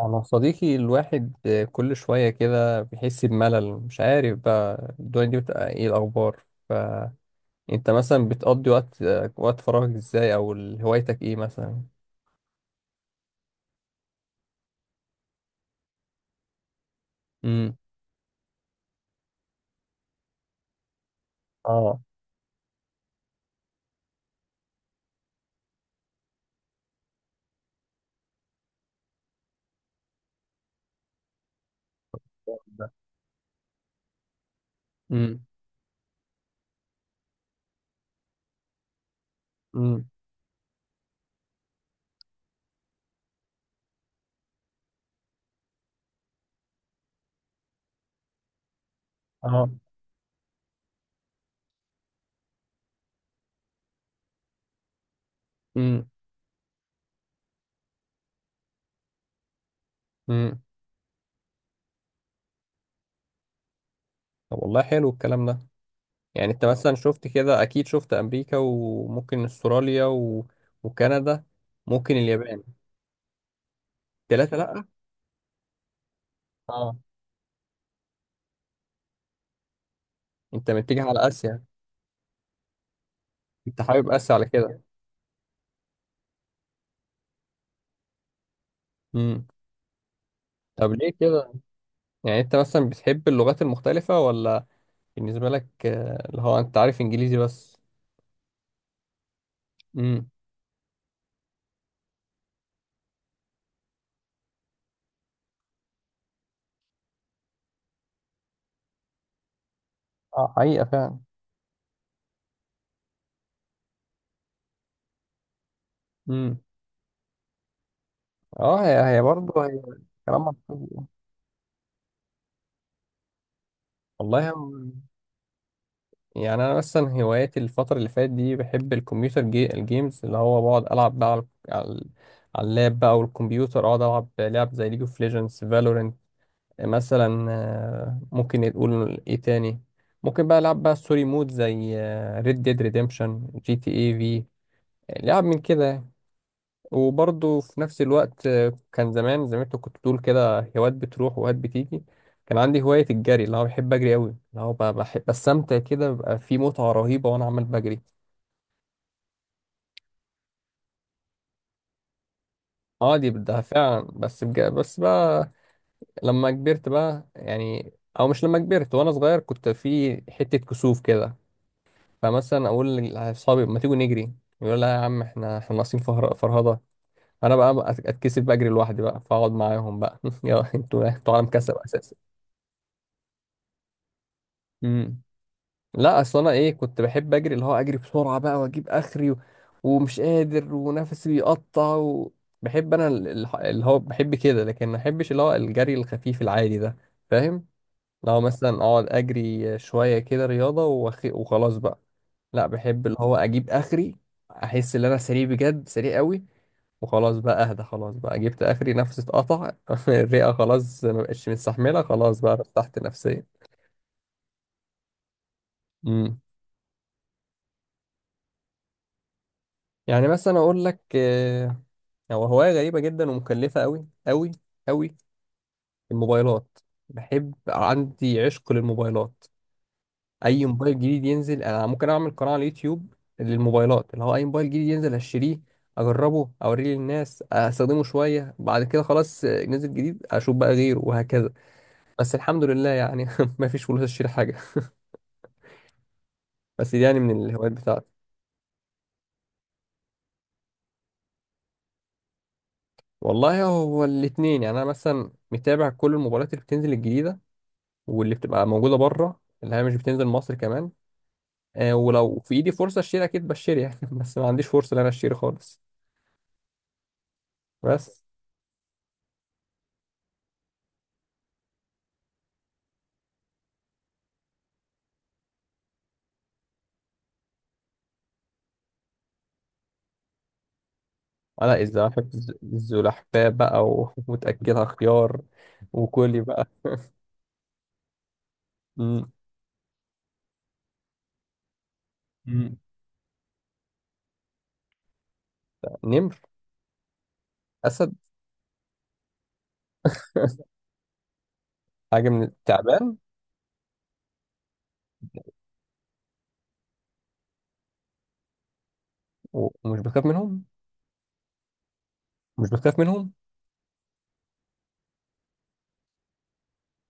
أنا صديقي الواحد، كل شوية كده بيحس بملل، مش عارف بقى الدنيا دي بتبقى إيه الأخبار. فأنت مثلا بتقضي وقت فراغك إزاي، أو هوايتك إيه مثلا؟ امم. اه. ده. امم. امم. اه. امم. امم. طب والله حلو الكلام ده. يعني أنت مثلا شفت كده، أكيد شفت أمريكا وممكن أستراليا و... وكندا، ممكن اليابان. تلاتة لأ؟ اه. أنت متجه على آسيا. أنت حابب آسيا على كده. امم. طب ليه كده؟ يعني انت مثلا بتحب اللغات المختلفة، ولا بالنسبة لك اللي هو انت عارف انجليزي بس. امم. اه حقيقة فعلا. امم. اه، هي برضه هي كلام منطقي. والله يعني انا مثلا هواياتي الفترة اللي فاتت دي، بحب الكمبيوتر الجيمز، اللي هو بقعد العب بقى على على اللاب بقى والكمبيوتر، اقعد العب لعب زي ليج اوف ليجندز فالورنت مثلا. ممكن نقول ايه تاني، ممكن بقى العب بقى ستوري مود زي ريد ديد ريديمشن جي تي اي. يعني لعب من كده يعني. وبرضه في نفس الوقت كان زمان زي ما انت كنت بتقول كده، هوايات بتروح وهوايات بتيجي. كان عندي هواية الجري، اللي هو بحب أجري أوي، اللي هو بحب بستمتع كده، بيبقى في متعة رهيبة وأنا عمال بجري. اه دي بدها فعلا، بس بقى لما كبرت بقى يعني، أو مش لما كبرت، وأنا صغير كنت في حتة كسوف كده، فمثلا أقول لأصحابي ما تيجوا نجري، يقول لا يا عم، احنا ناقصين فرهضة. انا بقى اتكسف بقى اجري لوحدي بقى، فاقعد معاهم بقى يا انتوا عالم كسب اساسا. امم. لا اصل انا ايه، كنت بحب اجري، اللي هو اجري بسرعه بقى واجيب اخري و... ومش قادر ونفسي بيقطع و... بحب انا اللي هو بحب كده، لكن ما بحبش اللي هو الجري الخفيف العادي ده، فاهم. لو مثلا اقعد اجري شويه كده رياضه وخلاص بقى. لا، بحب اللي هو اجيب اخري، احس ان انا سريع بجد، سريع قوي، وخلاص بقى اهدى، خلاص بقى جبت اخري، نفسي اتقطع الرئه خلاص ما بقتش مستحمله، خلاص بقى ارتحت نفسيا. امم. يعني مثلا اقول لك هو هوايه غريبه جدا، ومكلفه قوي قوي قوي: الموبايلات. بحب، عندي عشق للموبايلات. اي موبايل جديد ينزل، انا ممكن اعمل قناه على اليوتيوب للموبايلات، اللي هو اي موبايل جديد ينزل هشتريه، اجربه، اوريه للناس، استخدمه شويه، بعد كده خلاص نزل جديد اشوف بقى غيره، وهكذا. بس الحمد لله يعني ما فيش فلوس اشتري حاجه. بس دي يعني من الهوايات بتاعتي. والله هو الاتنين. يعني انا مثلا متابع كل المباريات اللي بتنزل الجديده، واللي بتبقى موجوده بره اللي هي مش بتنزل مصر كمان. آه، ولو في ايدي فرصه اشتري، اكيد بشتري يعني بس ما عنديش فرصه ان انا اشتري خالص. بس. انا الزمالك. الزلحفاه بقى وتاكلها خيار وكلي بقى مم. مم. نمر. اسد. حاجه من التعبان. ومش بخاف منهم. مش بخاف منهم.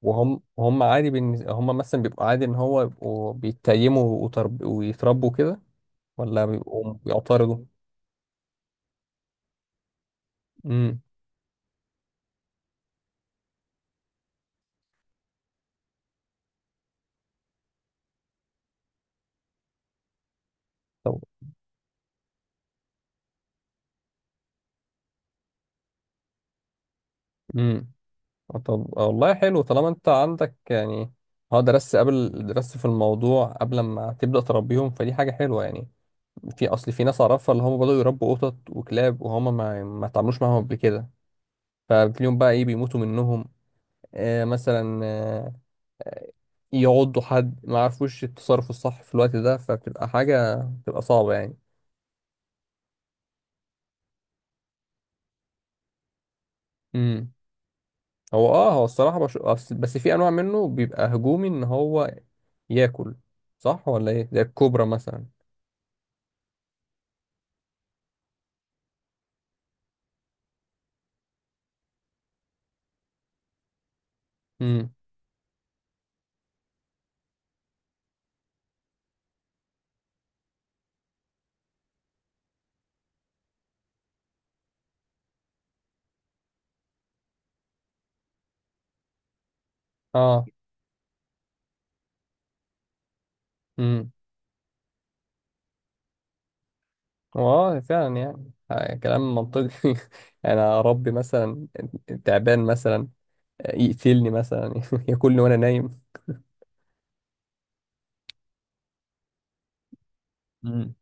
وهم هم عادي هم مثلا بيبقوا عادي ان هو يبقوا بيتيموا ويتربوا كده، ولا بيبقوا بيعترضوا. امم. طب. امم. طب والله حلو. طالما انت عندك يعني اه درست قبل، درست في الموضوع قبل ما تبدأ تربيهم، فدي حاجة حلوة يعني. في اصل في ناس اعرفها اللي هم بدأوا يربوا قطط وكلاب، وهم ما اتعاملوش معاهم قبل كده، فبتلاقيهم بقى ايه بيموتوا منهم. آه مثلا يعضوا حد، ما عرفوش التصرف الصح في الوقت ده، فبتبقى حاجة بتبقى صعبة يعني. امم. هو اه، هو الصراحة بس في انواع منه بيبقى هجومي ان هو ياكل، صح ولا ايه، زي الكوبرا مثلا. امم. اه. امم. هو اه فعلا يعني كلام منطقي انا اربي مثلا تعبان مثلا يقتلني مثلا ياكلني وانا نايم. مم.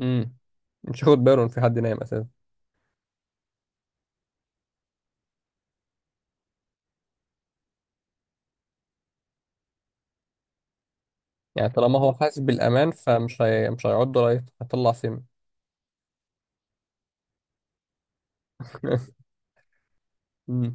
امم. مش هاخد باله ان في حد نايم اساسا. يعني طالما هو حاسس بالأمان فمش مش هيعض، رايت هيطلع سم. مم.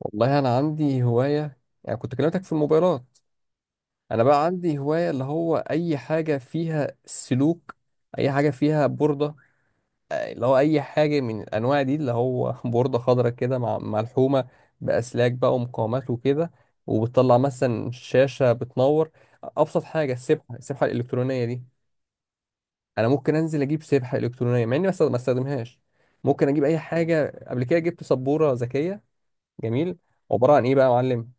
والله أنا عندي هواية، يعني كنت كلمتك في الموبايلات. أنا بقى عندي هواية اللي هو أي حاجة فيها سلوك، أي حاجة فيها بوردة اللي هو أي حاجة من الأنواع دي، اللي هو بوردة خضراء كده مع ملحومة بأسلاك بقى ومقاومات وكده، وبتطلع مثلا شاشة بتنور. أبسط حاجة السبحة، السبحة الإلكترونية دي. انا ممكن انزل اجيب سبحه الكترونيه مع اني ما استخدمهاش. ممكن اجيب اي حاجه. قبل كده جبت سبوره ذكيه. جميل. عباره عن ايه بقى يا معلم،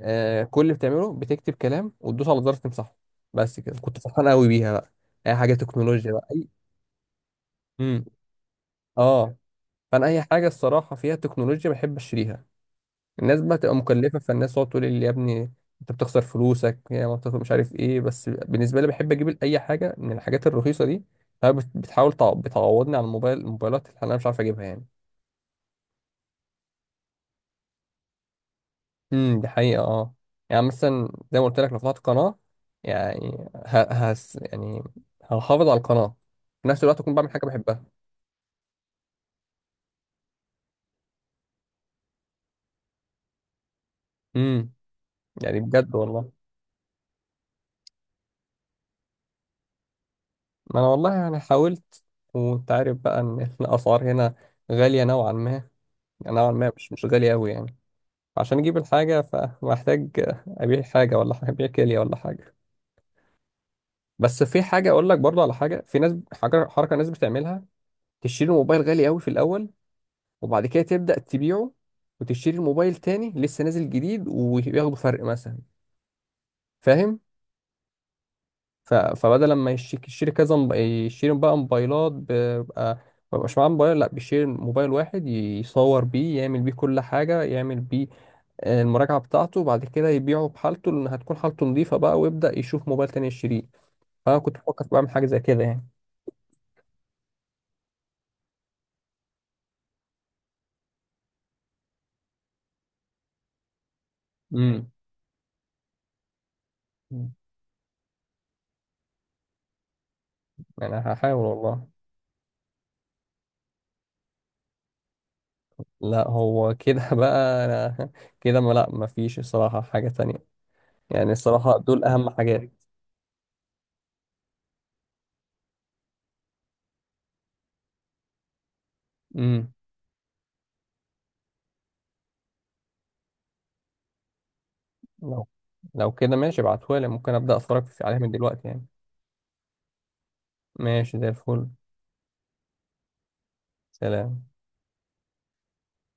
آه كل اللي بتعمله بتكتب كلام وتدوس على زرار تمسحه، بس كده. كنت فرحان قوي بيها بقى. اي حاجه تكنولوجيا بقى اي. امم. اه. فانا اي حاجه الصراحه فيها تكنولوجيا بحب اشتريها. الناس بقى تبقى مكلفة، فالناس تقعد تقول لي يا ابني انت بتخسر فلوسك، يا ما بتخسر مش عارف ايه، بس بالنسبة لي بحب اجيب اي حاجة من الحاجات الرخيصة دي، فهي بتحاول بتعوضني عن الموبايلات اللي انا مش عارف اجيبها يعني. امم. دي حقيقة اه. يعني مثلا زي ما قلت لك لو فتحت قناة يعني يعني هحافظ على القناة، في نفس الوقت اكون بعمل حاجة بحبها. امم. يعني بجد والله. ما انا والله يعني حاولت، وانت عارف بقى ان الاسعار هنا غالية نوعا ما، يعني نوعا ما مش غالية قوي يعني. عشان اجيب الحاجه فمحتاج ابيع حاجه، ولا ابيع كليه ولا حاجه. بس في حاجه اقول لك برضه على حاجه، في ناس حاجه حركه ناس بتعملها: تشتري الموبايل غالي قوي في الاول، وبعد كده تبدا تبيعه، وتشتري الموبايل تاني لسه نازل جديد، وياخدوا فرق مثلا، فاهم. فبدل لما يشتري يشتري كذا يشتري بقى موبايلات، بيبقى ما بيبقاش معاه موبايل، لا بيشتري موبايل واحد يصور بيه، يعمل بيه كل حاجه، يعمل بيه المراجعة بتاعته، بعد كده يبيعه بحالته، لأن هتكون حالته نظيفة بقى، ويبدأ يشوف موبايل تاني يشتريه. فأنا كنت بفكر بعمل حاجة زي كده يعني. امم. يعني هحاول والله. لا هو كده بقى أنا كده، ما لا مفيش الصراحة حاجة تانية. يعني الصراحة دول أهم حاجات. امم. لو كده ماشي ابعتهولي، ممكن أبدأ أتفرج عليها من دلوقتي يعني. ماشي زي الفل. سلام.